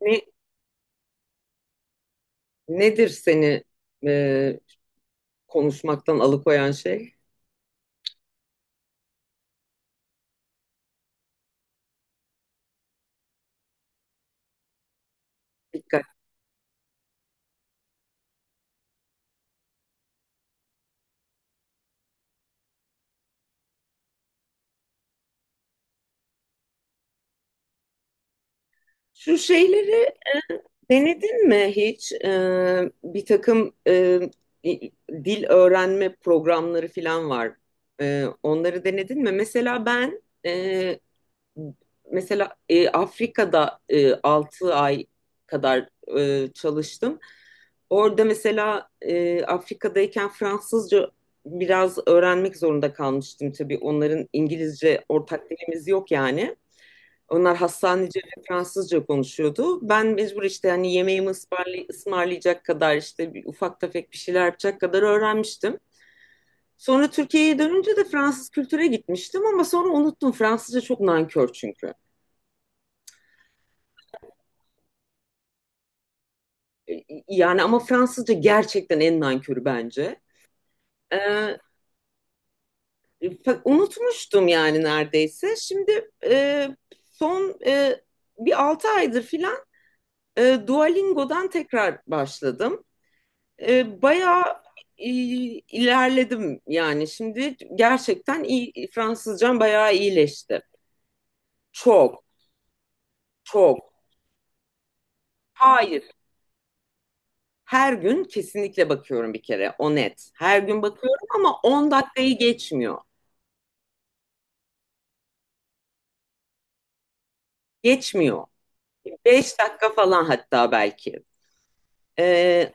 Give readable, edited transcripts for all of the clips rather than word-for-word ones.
Ne, nedir seni e, konuşmaktan alıkoyan şey? Dikkat. Şu şeyleri denedin mi hiç? Bir takım dil öğrenme programları falan var. Onları denedin mi? Mesela ben, Afrika'da 6 ay kadar çalıştım. Orada mesela, Afrika'dayken Fransızca biraz öğrenmek zorunda kalmıştım tabii. Onların, İngilizce ortak dilimiz yok yani. Onlar Hassanice ve Fransızca konuşuyordu. Ben mecbur, işte hani yemeğimi ısmarlayacak kadar, işte bir ufak tefek bir şeyler yapacak kadar öğrenmiştim. Sonra Türkiye'ye dönünce de Fransız kültüre gitmiştim ama sonra unuttum. Fransızca çok nankör çünkü. Yani ama Fransızca gerçekten en nankörü bence. Ee, Unutmuştum yani, neredeyse. Şimdi son bir 6 aydır filan Duolingo'dan tekrar başladım. Bayağı e, ilerledim yani. Şimdi gerçekten iyi, Fransızcam bayağı iyileşti. Çok, çok. Hayır. Her gün kesinlikle bakıyorum bir kere. O net. Her gün bakıyorum ama 10 dakikayı geçmiyor. Geçmiyor. 5 dakika falan hatta belki. Ee,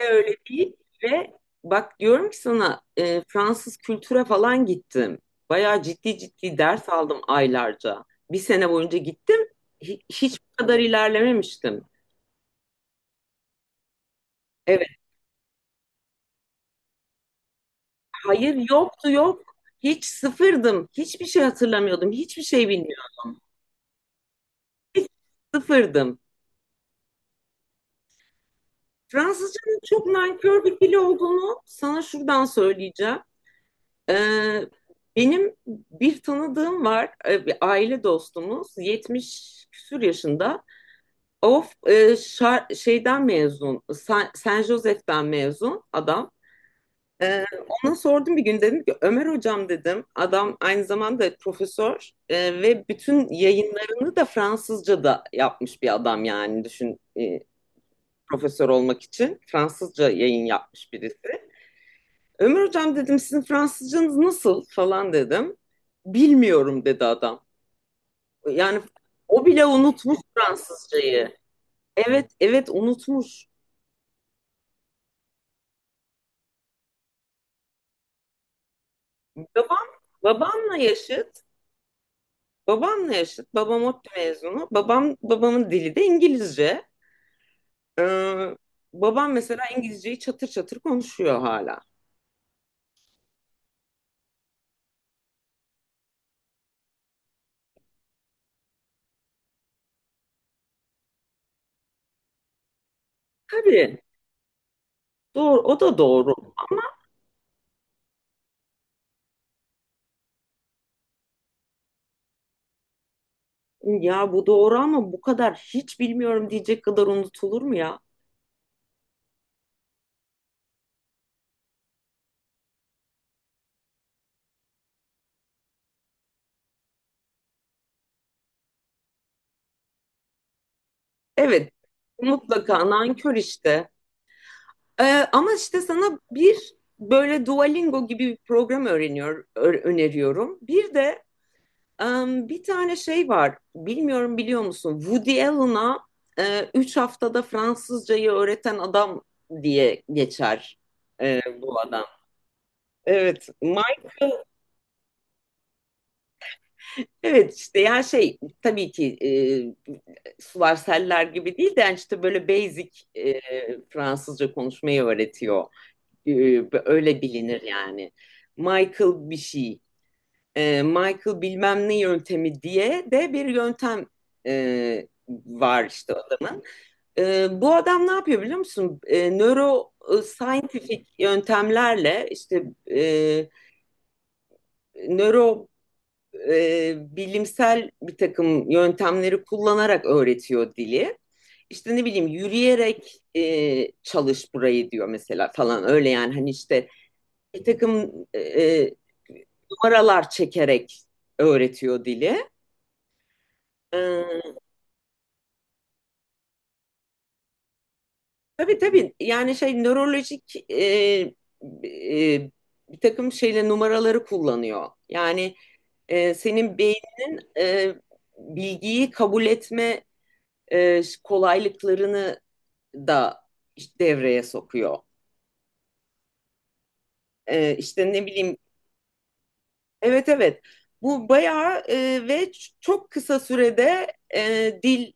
Öyle değil, ve bak diyorum ki sana, Fransız kültüre falan gittim. Bayağı ciddi ciddi ders aldım aylarca. Bir sene boyunca gittim. Hiç bu kadar ilerlememiştim. Evet, hayır yoktu, yok. Hiç sıfırdım. Hiçbir şey hatırlamıyordum. Hiçbir şey bilmiyordum. Hiç sıfırdım. Fransızcanın çok nankör bir dil olduğunu sana şuradan söyleyeceğim. Ee, Benim bir tanıdığım var, bir aile dostumuz, 70 küsur yaşında. Of, şeyden mezun, San Josef'ten mezun adam. Ee, Ona sordum bir gün, dedim ki Ömer hocam, dedim. Adam aynı zamanda profesör ve bütün yayınlarını da Fransızca'da yapmış bir adam, yani düşün, profesör olmak için Fransızca yayın yapmış birisi. Ömer hocam dedim, sizin Fransızcanız nasıl falan, dedim. Bilmiyorum, dedi adam. Yani o bile unutmuş Fransızcayı. Evet, evet, unutmuş. Babam Babamla yaşıt. Babamla yaşıt. Babam ODTÜ mezunu. Babamın dili de İngilizce. Ee, Babam mesela İngilizceyi çatır çatır konuşuyor hala. Tabii, doğru, o da doğru. Ya bu doğru ama bu kadar hiç bilmiyorum diyecek kadar unutulur mu ya? Evet, mutlaka nankör işte. Ee, Ama işte sana bir böyle Duolingo gibi bir program öğreniyor, öneriyorum. Bir de bir tane şey var. Bilmiyorum, biliyor musun? Woody Allen'a 3 haftada Fransızcayı öğreten adam diye geçer bu adam. Evet, Mike, evet işte ya şey, tabii ki sular seller gibi değil de, yani işte böyle basic Fransızca konuşmayı öğretiyor. Öyle bilinir yani. Michael bir şey. Michael bilmem ne yöntemi diye de bir yöntem e, var işte adamın. Bu adam ne yapıyor biliyor musun? Nöro scientific yöntemlerle, işte e, nöro bilimsel bir takım yöntemleri kullanarak öğretiyor dili. İşte ne bileyim, yürüyerek çalış burayı diyor mesela falan, öyle yani, hani işte bir takım numaralar çekerek öğretiyor dili. Ee, tabii tabii, yani şey, nörolojik e, bir takım şeyle numaraları kullanıyor. Yani senin beyninin bilgiyi kabul etme kolaylıklarını da işte devreye sokuyor. İşte ne bileyim, evet, evet, bu bayağı ve çok kısa sürede dil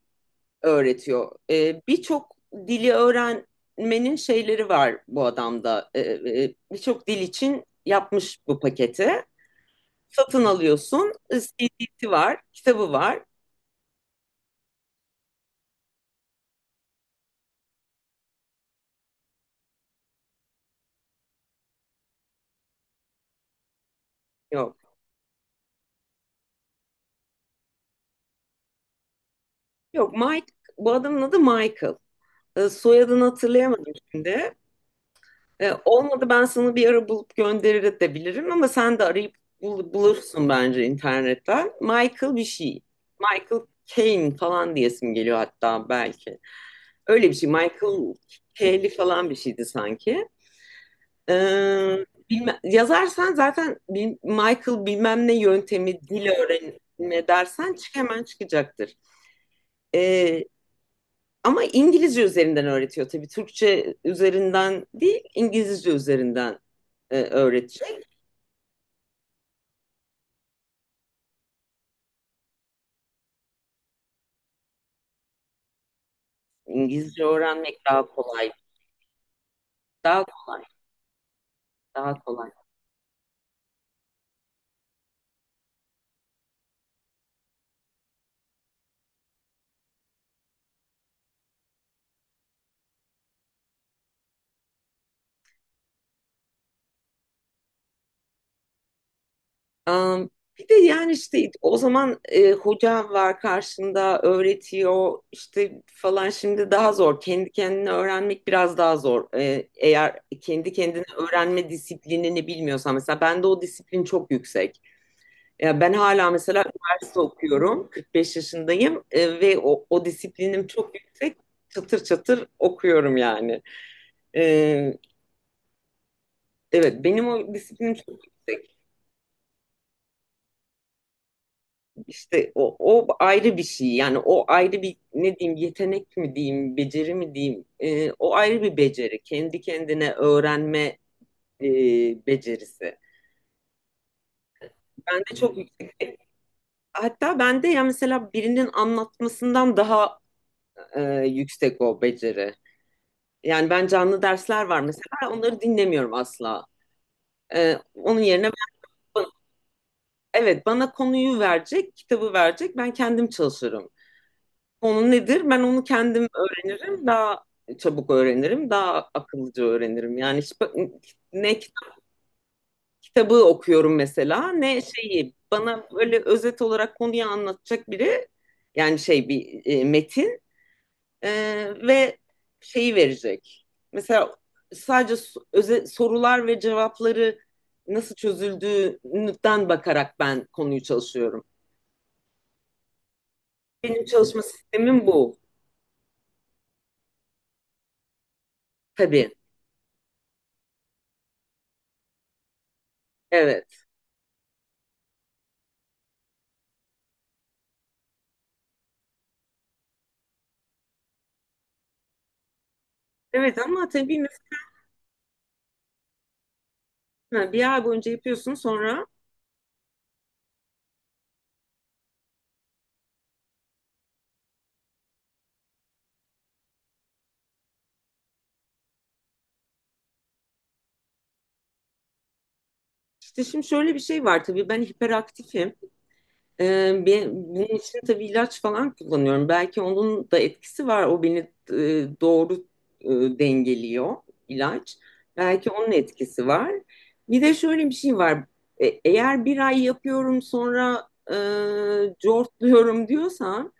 öğretiyor. Birçok dili öğrenmenin şeyleri var bu adamda. Birçok dil için yapmış bu paketi. Satın alıyorsun. CD'si var, kitabı var. Yok. Yok Mike, bu adamın adı Michael. Soyadını hatırlayamadım şimdi. Olmadı, ben sana bir ara bulup gönderir de bilirim ama sen de arayıp bulursun bence internetten. Michael bir şey. Michael Caine falan diyesim geliyor hatta belki. Öyle bir şey. Michael Kelly falan bir şeydi sanki. Yazarsan zaten Michael bilmem ne yöntemi dil öğrenme dersen çık, hemen çıkacaktır. Ee, Ama İngilizce üzerinden öğretiyor tabii. Türkçe üzerinden değil, İngilizce üzerinden öğretecek. İngilizce öğrenmek daha kolay. Daha kolay. Daha kolay. Am, Bir de yani, işte o zaman hoca var karşında öğretiyor işte falan, şimdi daha zor. Kendi kendine öğrenmek biraz daha zor. Eğer kendi kendine öğrenme disiplinini bilmiyorsan, mesela bende o disiplin çok yüksek. Ya ben hala mesela üniversite okuyorum. 45 yaşındayım ve o disiplinim çok yüksek. Çatır çatır okuyorum yani. E, evet, benim o disiplinim çok yüksek. İşte o ayrı bir şey, yani o ayrı bir, ne diyeyim, yetenek mi diyeyim, beceri mi diyeyim. O ayrı bir beceri, kendi kendine öğrenme e, becerisi. Bende çok yüksek, hatta bende, ya mesela, birinin anlatmasından daha e, yüksek o beceri. Yani ben, canlı dersler var mesela, onları dinlemiyorum asla. Onun yerine ben, evet, bana konuyu verecek, kitabı verecek, ben kendim çalışırım. Konu nedir? Ben onu kendim öğrenirim. Daha çabuk öğrenirim. Daha akıllıca öğrenirim. Yani hiç, ne kitap- kitabı okuyorum mesela, ne şeyi, bana böyle özet olarak konuyu anlatacak biri, yani şey, bir metin e, ve şeyi verecek. Mesela sadece sorular ve cevapları nasıl çözüldüğünden bakarak ben konuyu çalışıyorum. Benim çalışma sistemim bu, tabii. Evet. Evet ama tabii. Ha, bir ay boyunca yapıyorsun sonra, işte şimdi şöyle bir şey var, tabii ben hiperaktifim. Bunun için tabii ilaç falan kullanıyorum. Belki onun da etkisi var. O beni doğru e, dengeliyor ilaç. Belki onun etkisi var. Bir de şöyle bir şey var. Eğer bir ay yapıyorum sonra cortluyorum diyorsan,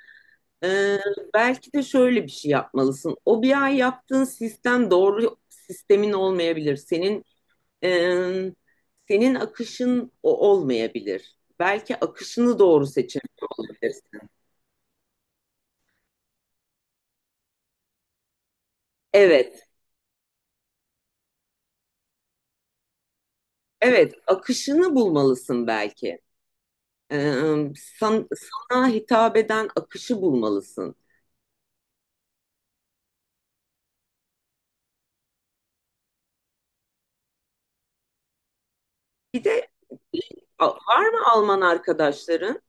e, belki de şöyle bir şey yapmalısın. O bir ay yaptığın sistem doğru sistemin olmayabilir. Ee, senin akışın o olmayabilir. Belki akışını doğru seçemiyor olabilirsin. Evet, evet, akışını bulmalısın belki. Ee, san- Sana hitap eden akışı bulmalısın. Bir de var mı Alman arkadaşların?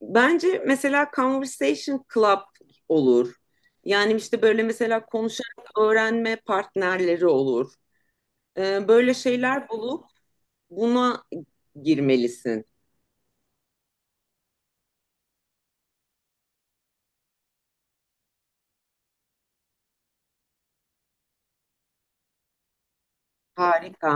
Bence mesela Conversation Club olur. Yani işte böyle, mesela konuşarak öğrenme partnerleri olur. Böyle şeyler bulup buna girmelisin. Harika.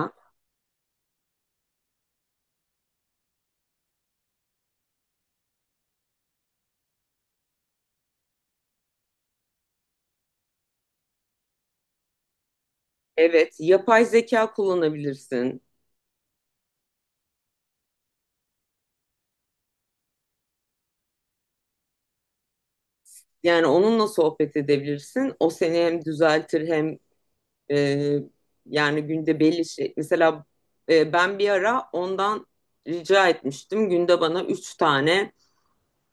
Evet, yapay zeka kullanabilirsin. Yani onunla sohbet edebilirsin. O seni hem düzeltir hem e, yani günde belli şey. Mesela ben bir ara ondan rica etmiştim. Günde bana 3 tane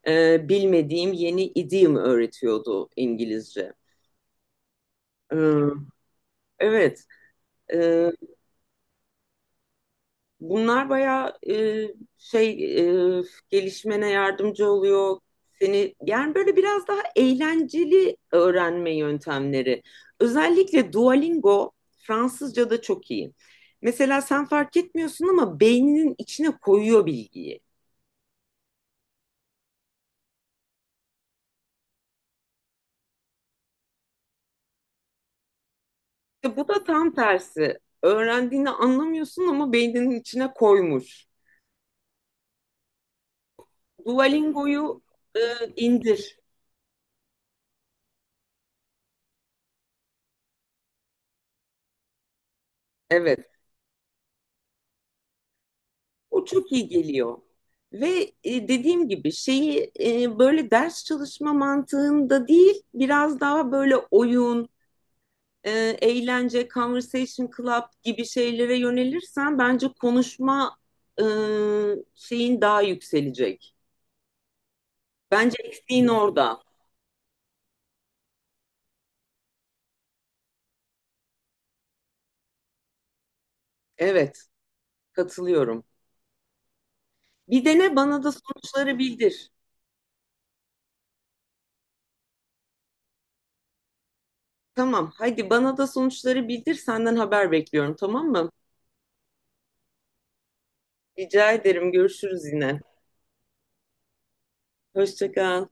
bilmediğim yeni idiom öğretiyordu İngilizce. E, evet, e, bunlar bayağı şey, e, gelişmene yardımcı oluyor. Seni yani böyle biraz daha eğlenceli öğrenme yöntemleri. Özellikle Duolingo Fransızca'da çok iyi. Mesela sen fark etmiyorsun ama beyninin içine koyuyor bilgiyi. İşte bu da tam tersi. Öğrendiğini anlamıyorsun ama beyninin içine koymuş. Duolingo'yu e, indir. Evet. O çok iyi geliyor. Ve dediğim gibi, şeyi böyle ders çalışma mantığında değil, biraz daha böyle oyun, e, eğlence, conversation club gibi şeylere yönelirsen bence konuşma e, şeyin daha yükselecek. Bence eksiğin orada. Evet, katılıyorum. Bir dene, bana da sonuçları bildir. Tamam, hadi bana da sonuçları bildir. Senden haber bekliyorum, tamam mı? Rica ederim. Görüşürüz yine. Hoşça kal.